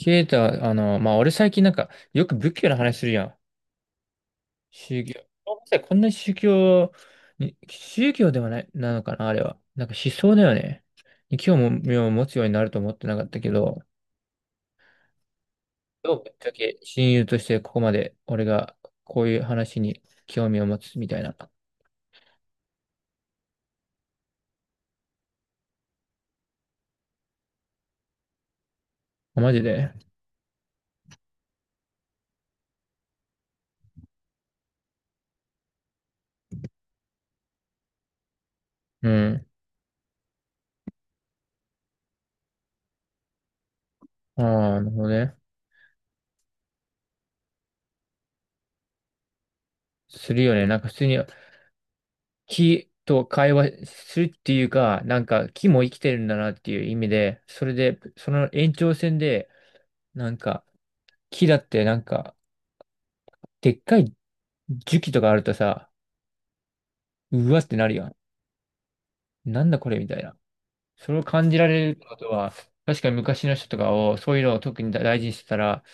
ケイタ、まあ、俺最近なんか、よく仏教の話するやん。宗教。ごめんなさい、こんなに宗教に、宗教ではない、なのかな、あれは。なんか思想だよね。に興味を持つようになると思ってなかったけど、どうぶっちゃけ親友としてここまで俺がこういう話に興味を持つみたいな。マジで。うん。ああ、なるほどね。するよね。なんか普通に木と会話するっていうか、なんか木も生きてるんだなっていう意味で、それで、その延長線で、なんか、木だってなんか、でっかい樹木とかあるとさ、うわってなるやん。なんだこれみたいな。それを感じられるってことは、確かに昔の人とかを、そういうのを特に大事にしてたら、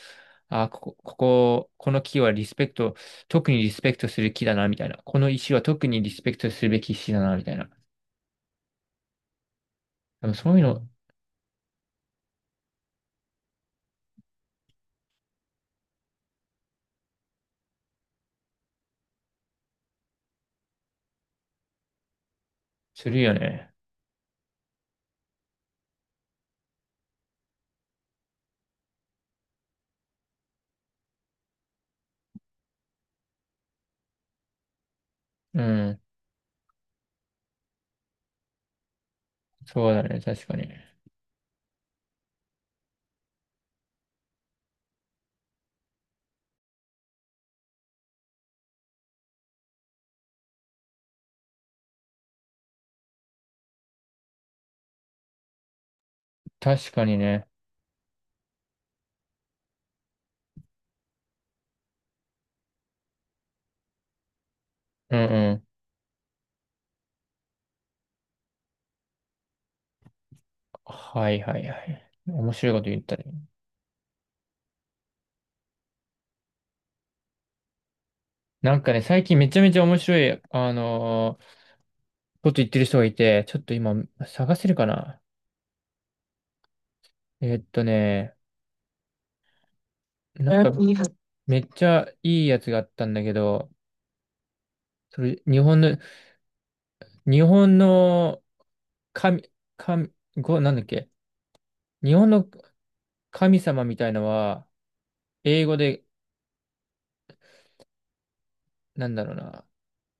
あ、ここ、ここ、この木はリスペクト、特にリスペクトする木だな、みたいな。この石は特にリスペクトするべき石だな、みたいな。でもそういうのするよね。うん。そうだね。確かに。確かにね。うんうん。はいはいはい。面白いこと言ったね。なんかね、最近めちゃめちゃ面白いこと言ってる人がいて、ちょっと今探せるかな。えーっとね、なんかめっちゃいいやつがあったんだけど、それ日本の神、神なんだっけ、日本の神様みたいのは、英語で、なんだろうな、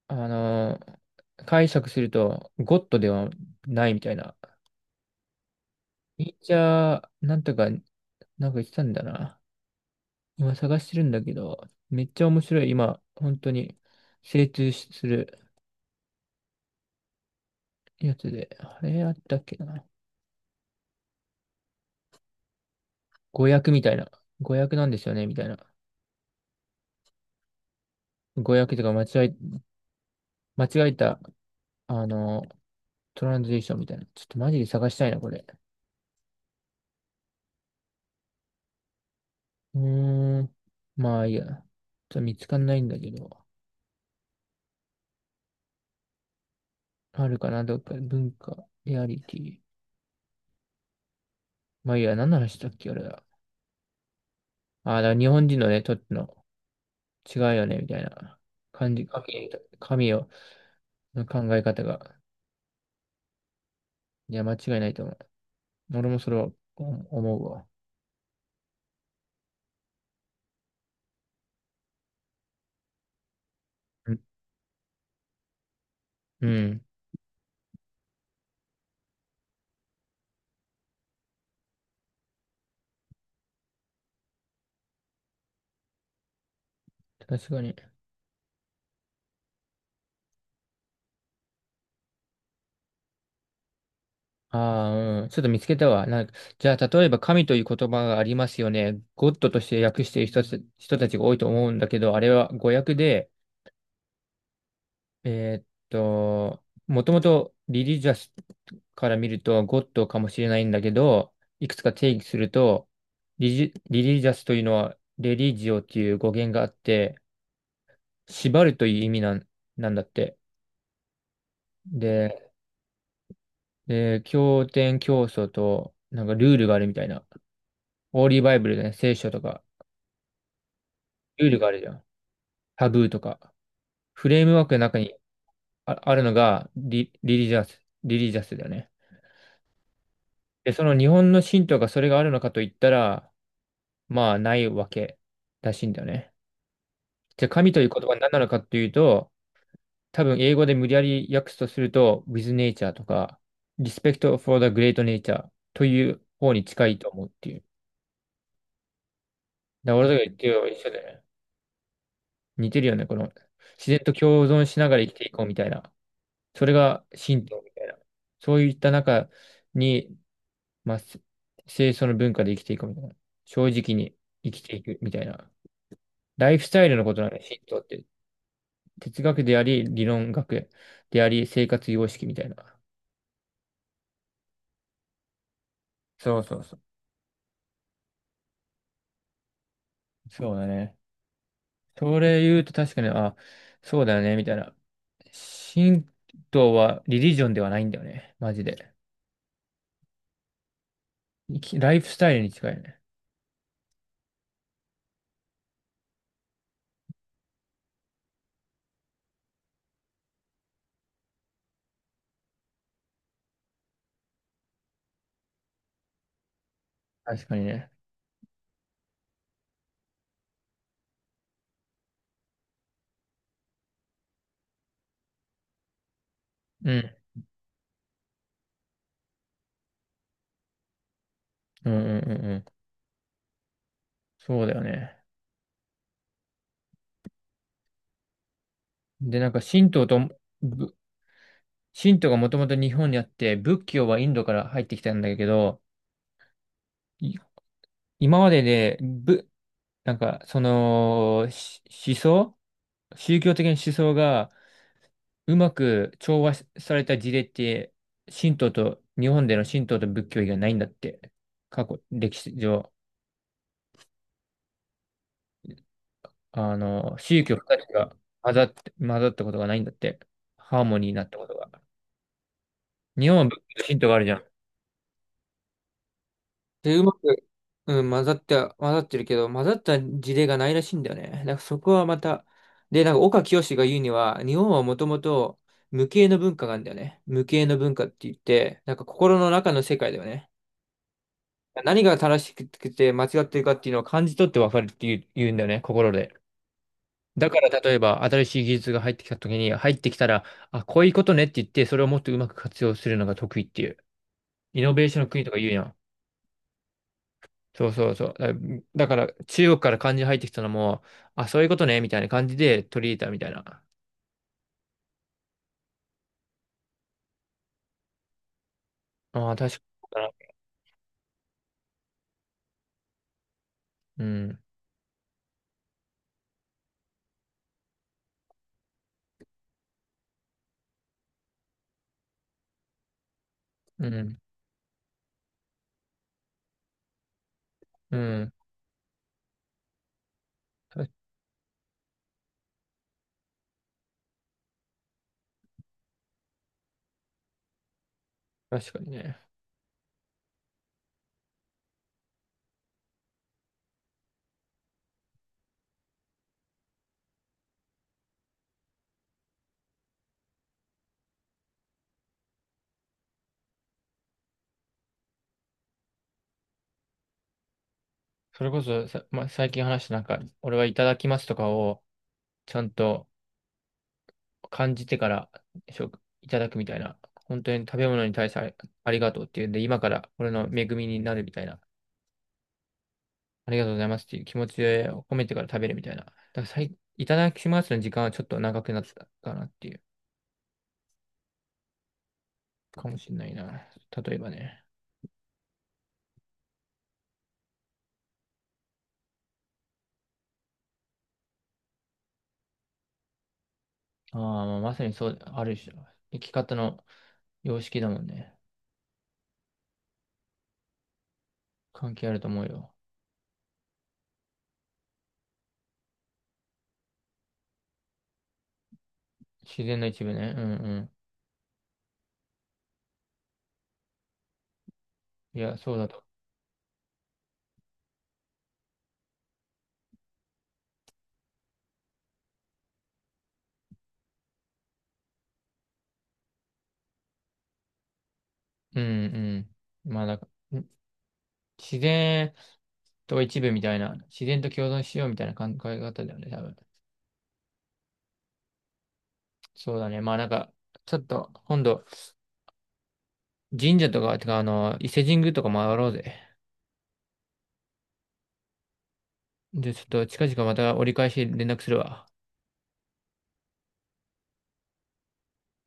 あのー解釈すると、ゴッドではないみたいな。ネイーチャー、なんとか、なんか言ってたんだな。今探してるんだけど、めっちゃ面白い。今、本当に精通しするやつで。あれあったっけな。誤訳みたいな。誤訳なんですよね、みたいな。誤訳とか間違えた、あの、トランスレーションみたいな。ちょっとマジで探したいな、これ。うーん。まあいいや。ちょっと見つかんないんだけど。あるかな、どっか。文化、リアリティ。まあいいや、何の話したっけ、俺は。ああ、だから日本人のね、とっての違うよね、みたいな感じ。神の考え方が。いや、間違いないと思う。俺もそれはお思うわ。うん。うん、確かに。ああ、うん。ちょっと見つけたわ。なんか、じゃあ、例えば神という言葉がありますよね。ゴッドとして訳している人たちが多いと思うんだけど、あれは語訳で、もともとリリジャスから見るとゴッドかもしれないんだけど、いくつか定義すると、リリジャスというのはレリジオっていう語源があって、縛るという意味なんだって。で、で、経典教祖と、なんかルールがあるみたいな。オーリーバイブルだね、聖書とか、ルールがあるじゃん。タブーとか。フレームワークの中にあるのがリリジャスだよね。で、その日本の神道がそれがあるのかといったら、まあ、ないわけらしいんだよね。じゃあ、神という言葉は何なのかというと、多分英語で無理やり訳すとすると、with nature とか、respect for the great nature という方に近いと思うっていう。だから俺とか言ってよ、一緒だよね。似てるよね、この、自然と共存しながら生きていこうみたいな。それが神道みたいな。そういった中に、まあ、清楚の文化で生きていこうみたいな。正直に生きていくみたいな。ライフスタイルのことなんだよ、神道って。哲学であり、理論学であり、生活様式みたいな。そうそうそう。そうだね。それ言うと確かに、あ、そうだよね、みたいな。神道はリリジョンではないんだよね、マジで。ライフスタイルに近いね。確かにね。うん。うんうんうんうん。そうだよね。で、なんかぶ神道がもともと日本にあって、仏教はインドから入ってきたんだけど、い今までで、なんか、その、し思想宗教的な思想がうまく調和された事例って、神道と、日本での神道と仏教以外ないんだって。過去、歴史上、宗教二つが混ざったことがないんだって。ハーモニーになったことが。日本は仏教と神道があるじゃん。で、うまく、うん、混ざってるけど、混ざった事例がないらしいんだよね。だからそこはまた、で、なんか岡清が言うには、日本はもともと無形の文化があるんだよね。無形の文化って言って、なんか心の中の世界だよね。何が正しくて間違ってるかっていうのを感じ取って分かるっていう言うんだよね、心で。だから例えば新しい技術が入ってきたら、あ、こういうことねって言って、それをもっとうまく活用するのが得意っていう。イノベーションの国とか言うやん。そうそうそう。だから中国から漢字入ってきたのも、あ、そういうことね、みたいな感じで取り入れたみたいな。ああ、確かに。うん、うん、うん。た確かにね。それこそさ、まあ、最近話したなんか、俺はいただきますとかを、ちゃんと感じてからいただくみたいな。本当に食べ物に対してありがとうっていうんで、今から俺の恵みになるみたいな。ありがとうございますっていう気持ちを込めてから食べるみたいな。だからいただきますの時間はちょっと長くなってたかなっていう。かもしれないな。例えばね。ああ、まあまさにそう、ある種、生き方の様式だもんね。関係あると思うよ。自然の一部ね。うんうん。いや、そうだと。うんうん。まあ、だから自然と一部みたいな、自然と共存しようみたいな考え方だよね、多分。そうだね。まあなんか、ちょっと、今度、神社とか、てか、伊勢神宮とか回ろうぜ。で、ちょっと近々また折り返し連絡するわ。